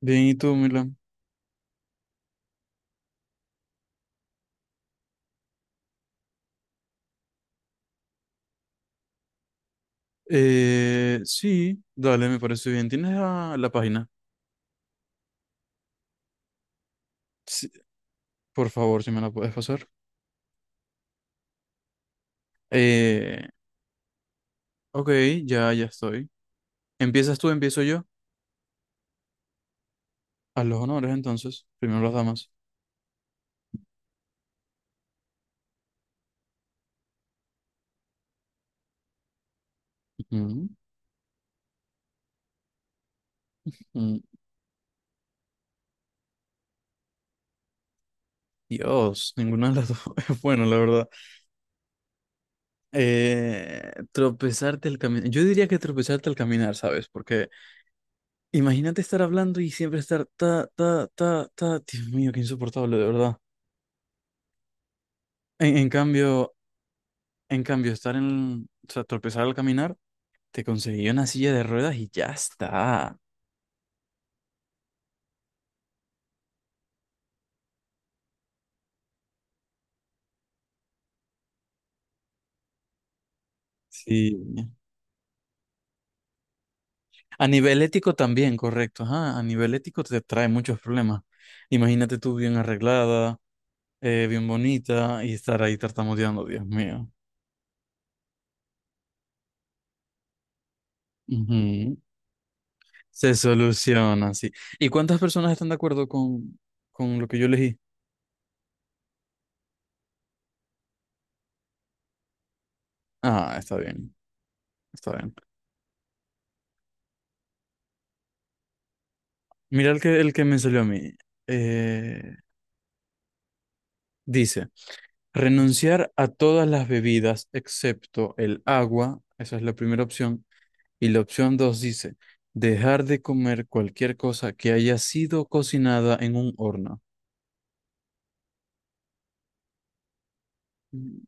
Bien, ¿y tú, Milan? Sí, dale, me parece bien. ¿Tienes la página? Sí, por favor, si me la puedes pasar. Eh, ok, ya, ya estoy. ¿Empiezas tú, empiezo yo? A los honores, entonces. Primero las damas. Ujú. Mm, Dios, ninguna de las dos es bueno, la verdad. Tropezarte al caminar. Yo diría que tropezarte al caminar, ¿sabes? Porque imagínate estar hablando y siempre estar ta, ta, ta, ta. Dios mío, qué insoportable, de verdad. En, en cambio, En cambio, estar en, o sea, tropezar al caminar, te conseguí una silla de ruedas y ya está. Sí. A nivel ético también, correcto. Ajá, a nivel ético te trae muchos problemas. Imagínate tú bien arreglada, bien bonita y estar ahí tartamudeando, Dios mío. Ujú. Se soluciona, sí. ¿Y cuántas personas están de acuerdo con lo que yo elegí? Ah, está bien, está bien. Mira el que me salió a mí. Eh, Dice. Renunciar a todas las bebidas excepto el agua, esa es la primera opción. Y la opción dos dice, dejar de comer cualquier cosa que haya sido cocinada en un horno. Mm,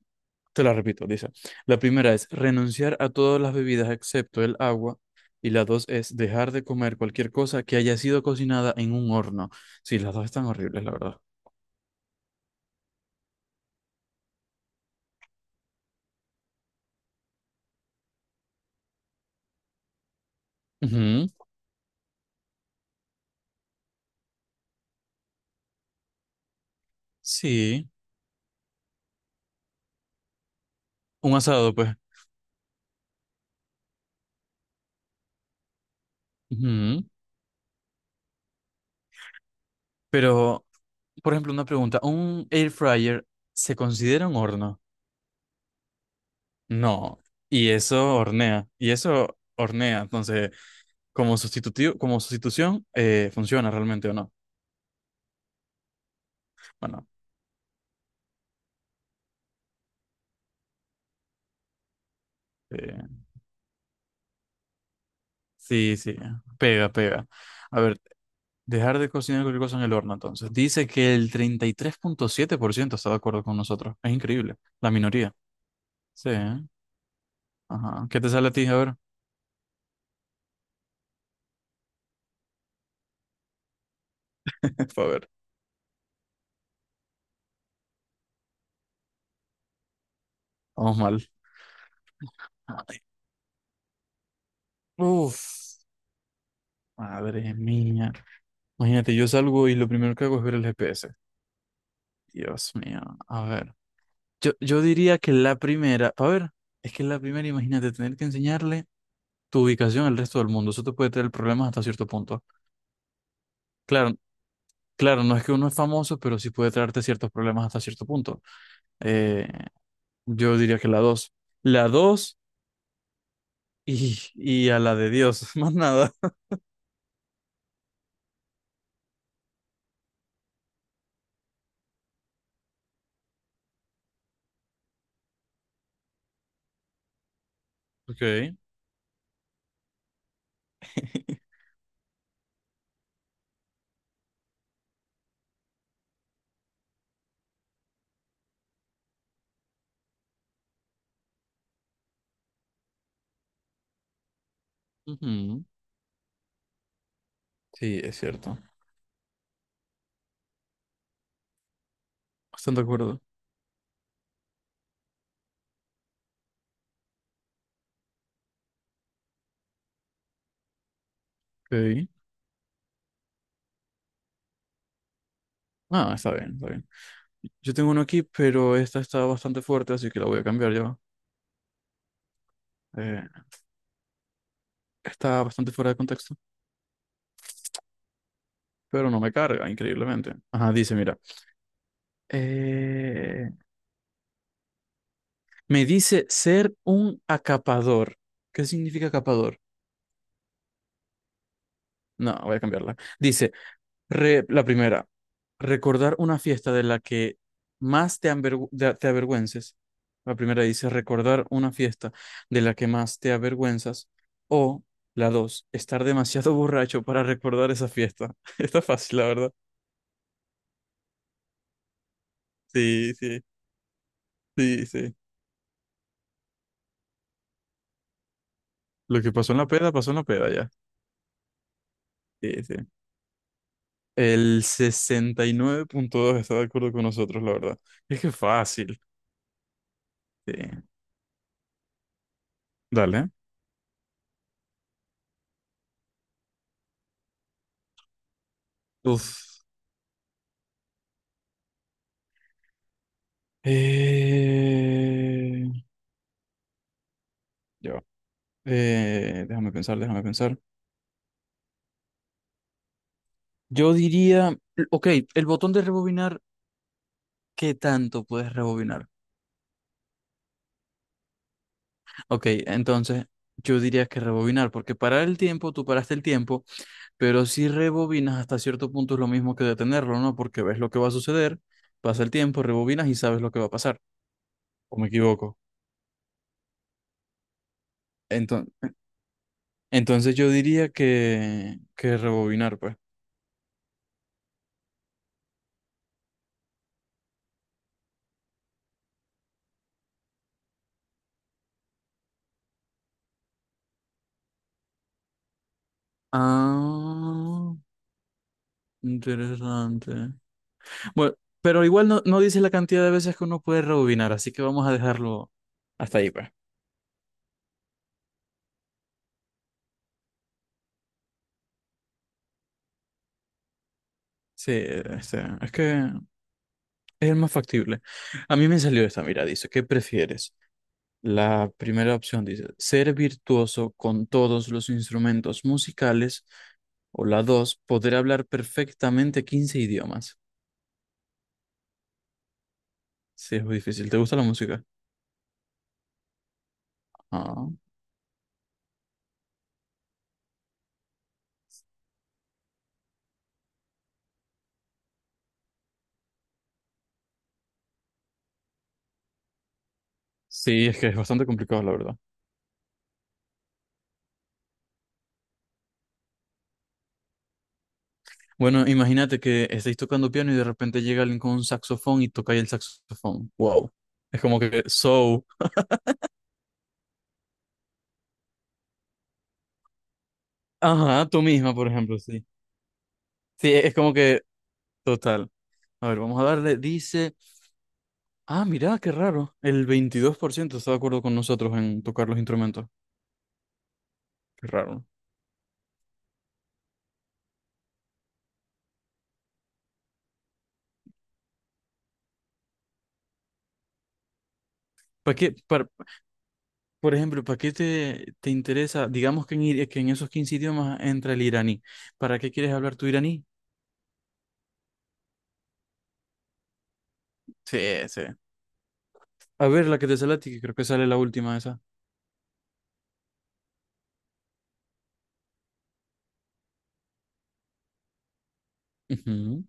Te la repito, dice. La primera es renunciar a todas las bebidas excepto el agua. Y la dos es dejar de comer cualquier cosa que haya sido cocinada en un horno. Sí, las dos están horribles, la verdad. Ujú. Sí, un asado, pues. Ujú. Pero Por ejemplo, una pregunta, ¿un air fryer se considera un horno? No, y eso hornea, entonces, como sustitutivo, como sustitución, ¿funciona realmente o no? Bueno, eh, sí, sí, pega, pega. A ver, dejar de cocinar cualquier cosa en el horno, entonces. Dice que el 33.7% está de acuerdo con nosotros, es increíble, la minoría. Sí, ¿eh? Ajá. ¿Qué te sale a ti? A ver, a ver, vamos mal. Ay, uf, madre mía. Imagínate, yo salgo y lo primero que hago es ver el GPS. Dios mío, a ver. Yo diría que la primera, a ver, es que la primera, imagínate, tener que enseñarle tu ubicación al resto del mundo. Eso te puede traer problemas hasta cierto punto. Claro, claro, no es que uno es famoso, pero sí puede traerte ciertos problemas hasta cierto punto. Eh, yo diría que la dos. La dos y a la de Dios, más nada. Ok. Ujú. Sí, es cierto. Bastante de acuerdo. Ok. Ah, está bien, está bien. Yo tengo uno aquí, pero esta está bastante fuerte, así que la voy a cambiar yo. Eh, Está bastante fuera de contexto, pero no me carga, increíblemente. Ajá, dice, mira. eh, Me dice ser un acapador. ¿Qué significa acapador? No, voy a cambiarla. Dice, la primera, recordar una fiesta de la que más te avergüences. La primera dice, recordar una fiesta de la que más te avergüenzas. O la dos, estar demasiado borracho para recordar esa fiesta. Está fácil, la verdad. Sí, sí, sí, sí. Lo que pasó en la peda, pasó en la peda ya. Sí, sí. El 69.2 está de acuerdo con nosotros, la verdad. Es que fácil. Sí. Dale. Uf. Eh, ya va. Déjame pensar, déjame pensar. Yo diría, ok, el botón de rebobinar, ¿qué tanto puedes rebobinar? Ok, entonces yo diría que rebobinar, porque parar el tiempo, tú paraste el tiempo, pero si rebobinas hasta cierto punto es lo mismo que detenerlo, ¿no? Porque ves lo que va a suceder, pasa el tiempo, rebobinas y sabes lo que va a pasar, o me equivoco. Entonces, entonces, yo diría que, rebobinar, pues. Ah, interesante. Bueno, pero igual no, no dice la cantidad de veces que uno puede rebobinar, así que vamos a dejarlo hasta ahí, pues. Sí, este, es que es el más factible. A mí me salió esta, mira, dice, ¿qué prefieres? La primera opción dice, ser virtuoso con todos los instrumentos musicales, o la dos, poder hablar perfectamente 15 idiomas. Sí, es muy difícil. ¿Te gusta la música? Ah. Sí, es que es bastante complicado, la verdad. Bueno, imagínate que estáis tocando piano y de repente llega alguien con un saxofón y toca ahí el saxofón. Wow. Es como que, so, ajá, tú misma, por ejemplo, sí. Sí, es como que, total. A ver, vamos a darle, dice, ah, mira, qué raro. El 22% está de acuerdo con nosotros en tocar los instrumentos. Qué raro. ¿Para qué, por ejemplo, ¿para qué te interesa, digamos que que en esos 15 idiomas entra el iraní? ¿Para qué quieres hablar tu iraní? Sí, sí. A ver, la que te sale a ti, que creo que sale la última esa. Ujú.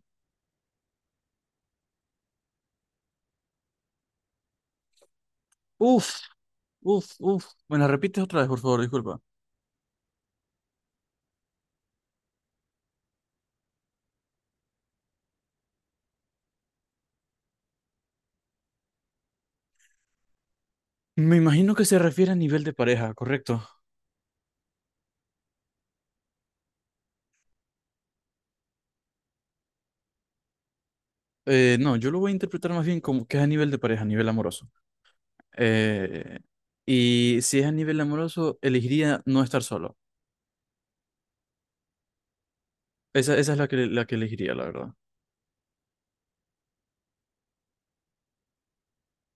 Uf, uf, uf. ¿Me la repites otra vez, por favor? Disculpa. Me imagino que se refiere a nivel de pareja, correcto. No, yo lo voy a interpretar más bien como que es a nivel de pareja, a nivel amoroso. Eh, y si es a nivel amoroso, elegiría no estar solo. Esa es la que elegiría, la verdad.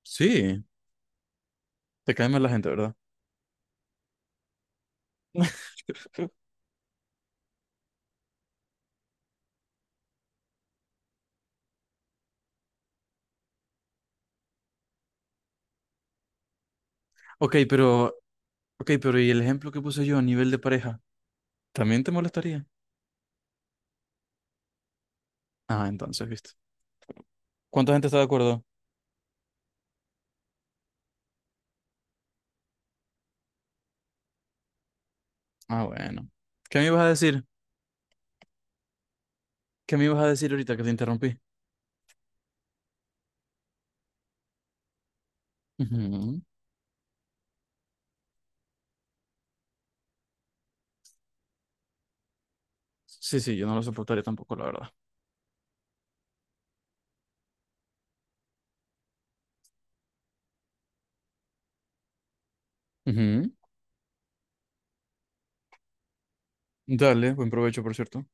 Sí, te cae mal la gente, ¿verdad? Ok, pero, ok, pero, ¿y el ejemplo que puse yo a nivel de pareja? ¿También te molestaría? Ah, entonces, ¿viste? ¿Cuánta gente está de acuerdo? Ah, bueno. ¿Qué me ibas a decir? ¿Qué me ibas a decir ahorita que te interrumpí? Ujú. Sí, sí, yo no lo soportaría tampoco, la verdad. Ujú. Dale, buen provecho, por cierto.